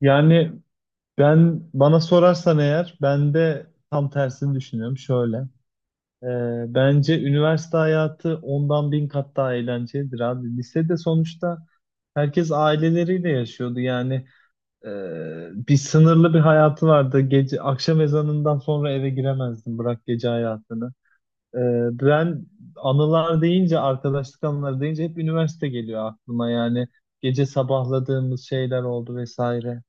Yani ben bana sorarsan eğer ben de tam tersini düşünüyorum. Şöyle. e, Bence üniversite hayatı ondan bin kat daha eğlencelidir abi. Lisede sonuçta herkes aileleriyle yaşıyordu. E, Bir sınırlı bir hayatı vardı. Gece akşam ezanından sonra eve giremezdin. Bırak gece hayatını. E, Ben anılar deyince, arkadaşlık anıları deyince hep üniversite geliyor aklıma. Yani gece sabahladığımız şeyler oldu vesaire.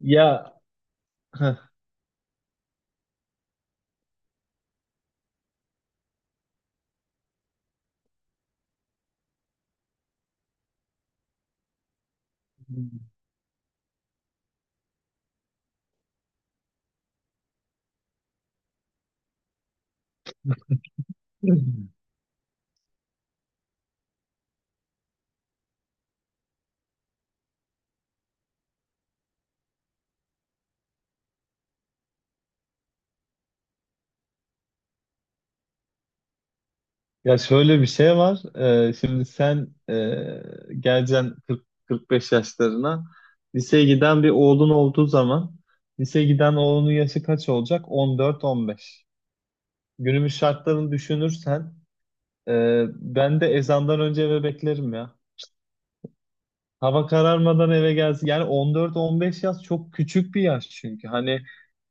Ya, heh. Ya şöyle bir şey var. Şimdi sen geleceksin 40-45 yaşlarına. Liseye giden bir oğlun olduğu zaman liseye giden oğlunun yaşı kaç olacak? 14-15. Günümüz şartlarını düşünürsen ben de ezandan önce eve beklerim ya. Hava kararmadan eve gelsin. Yani 14-15 yaş çok küçük bir yaş çünkü. Hani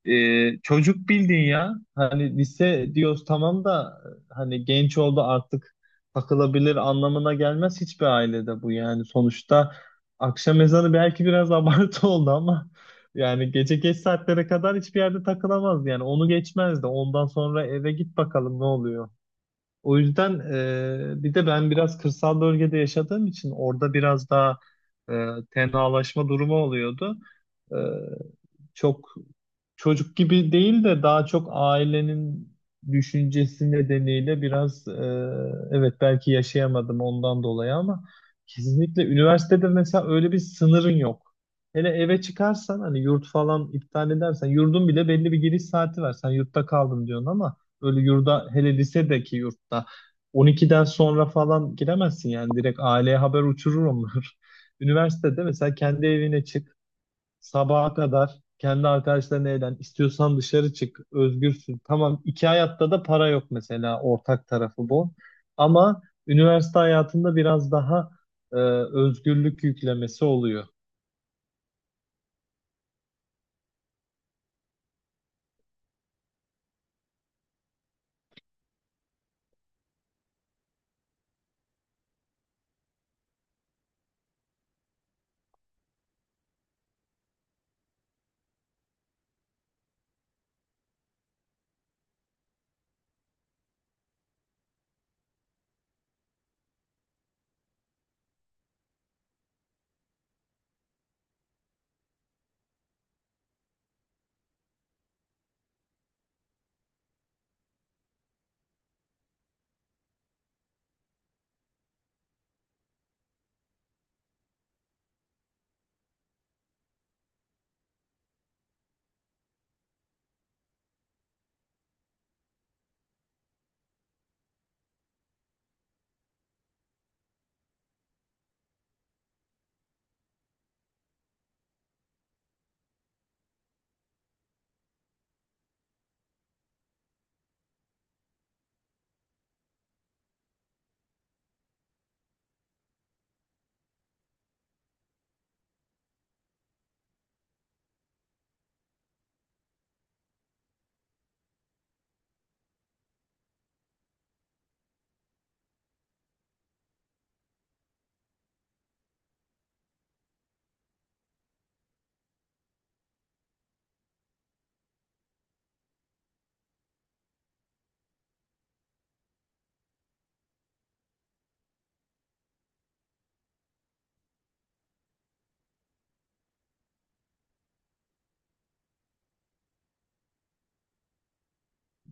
e, çocuk bildin ya. Hani lise diyoruz tamam da hani genç oldu artık takılabilir anlamına gelmez hiçbir ailede bu yani. Sonuçta akşam ezanı belki biraz abartı oldu ama yani gece geç saatlere kadar hiçbir yerde takılamaz yani. Onu geçmezdi. Ondan sonra eve git bakalım ne oluyor. O yüzden bir de ben biraz kırsal bölgede yaşadığım için orada biraz daha e, tenalaşma durumu oluyordu. E, Çok çocuk gibi değil de daha çok ailenin düşüncesi nedeniyle biraz evet belki yaşayamadım ondan dolayı ama kesinlikle üniversitede mesela öyle bir sınırın yok. Hele eve çıkarsan hani yurt falan iptal edersen yurdun bile belli bir giriş saati var. Sen yurtta kaldım diyorsun ama öyle yurda hele lisedeki yurtta 12'den sonra falan giremezsin yani direkt aileye haber uçurur onlar. Üniversitede mesela kendi evine çık, sabaha kadar kendi arkadaşlarına eğlen istiyorsan dışarı çık, özgürsün. Tamam, iki hayatta da para yok mesela, ortak tarafı bu. Ama üniversite hayatında biraz daha e, özgürlük yüklemesi oluyor.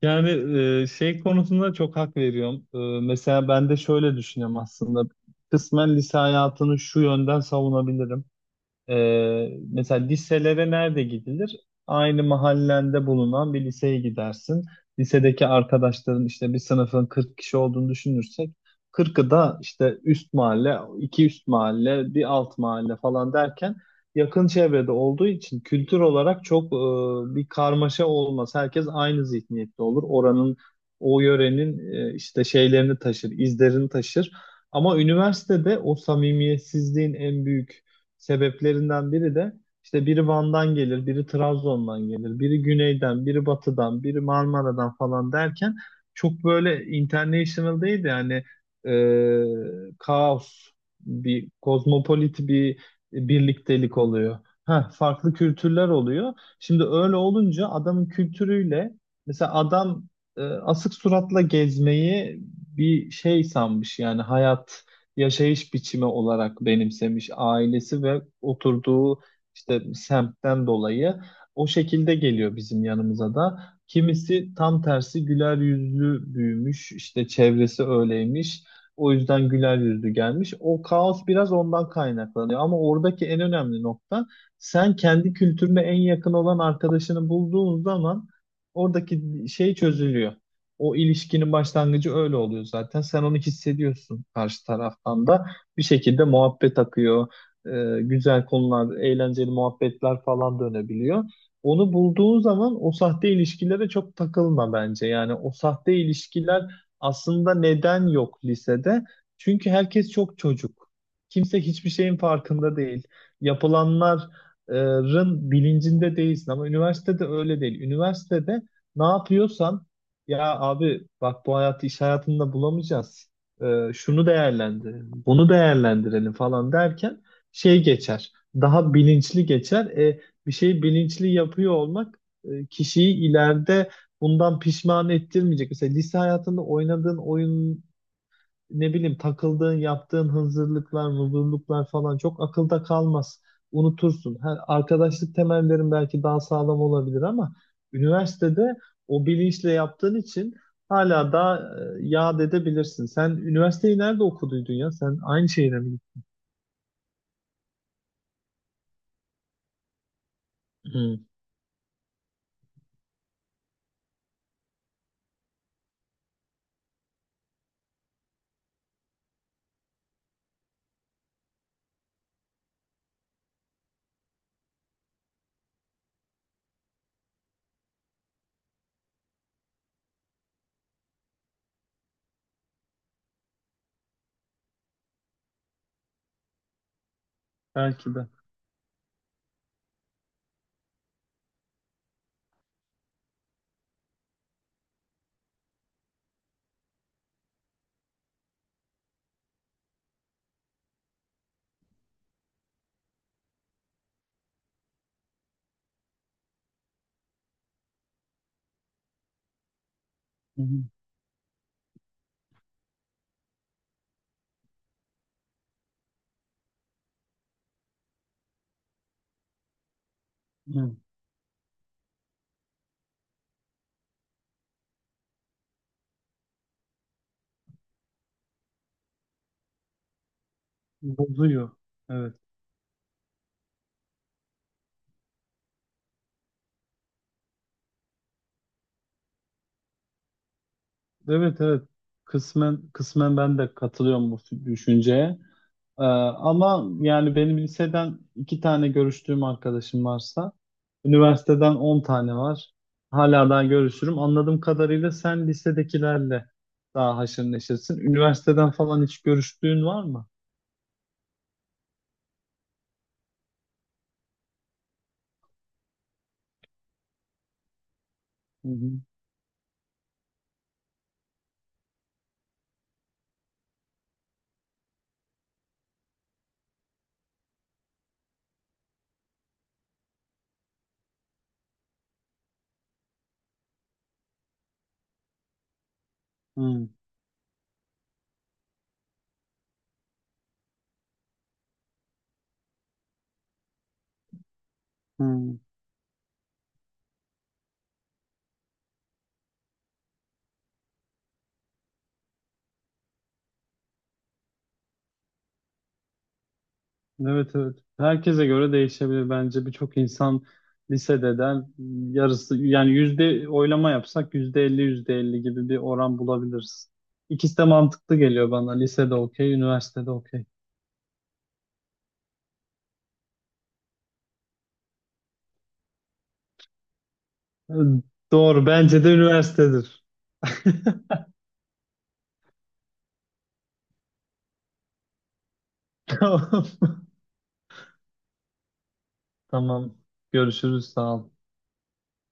Yani şey konusunda çok hak veriyorum. E, mesela ben de şöyle düşünüyorum aslında. Kısmen lise hayatını şu yönden savunabilirim. Mesela liselere nerede gidilir? Aynı mahallende bulunan bir liseye gidersin. Lisedeki arkadaşların, işte bir sınıfın 40 kişi olduğunu düşünürsek, 40'ı da işte üst mahalle, iki üst mahalle, bir alt mahalle falan derken yakın çevrede olduğu için kültür olarak çok bir karmaşa olmaz. Herkes aynı zihniyette olur. Oranın, o yörenin, işte şeylerini taşır, izlerini taşır. Ama üniversitede o samimiyetsizliğin en büyük sebeplerinden biri de işte biri Van'dan gelir, biri Trabzon'dan gelir, biri güneyden, biri batıdan, biri Marmara'dan falan derken çok böyle international değil de yani kaos, bir kozmopolit bir birliktelik oluyor. Ha, farklı kültürler oluyor. Şimdi öyle olunca adamın kültürüyle, mesela adam asık suratla gezmeyi bir şey sanmış, yani hayat yaşayış biçimi olarak benimsemiş ailesi ve oturduğu işte semtten dolayı o şekilde geliyor bizim yanımıza da. Kimisi tam tersi güler yüzlü büyümüş, işte çevresi öyleymiş. O yüzden güler yüzlü gelmiş. O kaos biraz ondan kaynaklanıyor. Ama oradaki en önemli nokta, sen kendi kültürüne en yakın olan arkadaşını bulduğun zaman oradaki şey çözülüyor. O ilişkinin başlangıcı öyle oluyor zaten. Sen onu hissediyorsun karşı taraftan da. Bir şekilde muhabbet akıyor. Güzel konular, eğlenceli muhabbetler falan dönebiliyor. Onu bulduğun zaman o sahte ilişkilere çok takılma bence. Yani o sahte ilişkiler aslında neden yok lisede? Çünkü herkes çok çocuk. Kimse hiçbir şeyin farkında değil. Yapılanların bilincinde değilsin ama üniversitede öyle değil. Üniversitede ne yapıyorsan ya abi bak, bu hayatı iş hayatında bulamayacağız. Şunu değerlendirelim, bunu değerlendirelim falan derken şey geçer. Daha bilinçli geçer. Bir şeyi bilinçli yapıyor olmak kişiyi ileride bundan pişman ettirmeyecek. Mesela lise hayatında oynadığın oyun, ne bileyim, takıldığın, yaptığın hazırlıklar vurdurluklar falan çok akılda kalmaz. Unutursun. Ha, arkadaşlık temellerin belki daha sağlam olabilir ama üniversitede o bilinçle yaptığın için hala daha yad edebilirsin. Sen üniversiteyi nerede okuduydun ya? Sen aynı şehire mi gittin? Hı. Belki de. Hı hı. Hı. Bozuyor. Evet. Evet, evet. Kısmen kısmen ben de katılıyorum bu düşünceye. Ama yani benim liseden 2 tane görüştüğüm arkadaşım varsa, üniversiteden 10 tane var. Hala daha görüşürüm. Anladığım kadarıyla sen lisedekilerle daha haşır neşirsin. Üniversiteden falan hiç görüştüğün var mı? Hı hı. Hı hı. Evet, evet. Herkese göre değişebilir bence. Birçok insan lisededen yarısı, yani yüzde oylama yapsak %50 %50 gibi bir oran bulabiliriz. İkisi de mantıklı geliyor bana. Lisede okey, üniversitede okey. Doğru. Bence de üniversitedir. Tamam. Tamam. Görüşürüz. Sağ ol.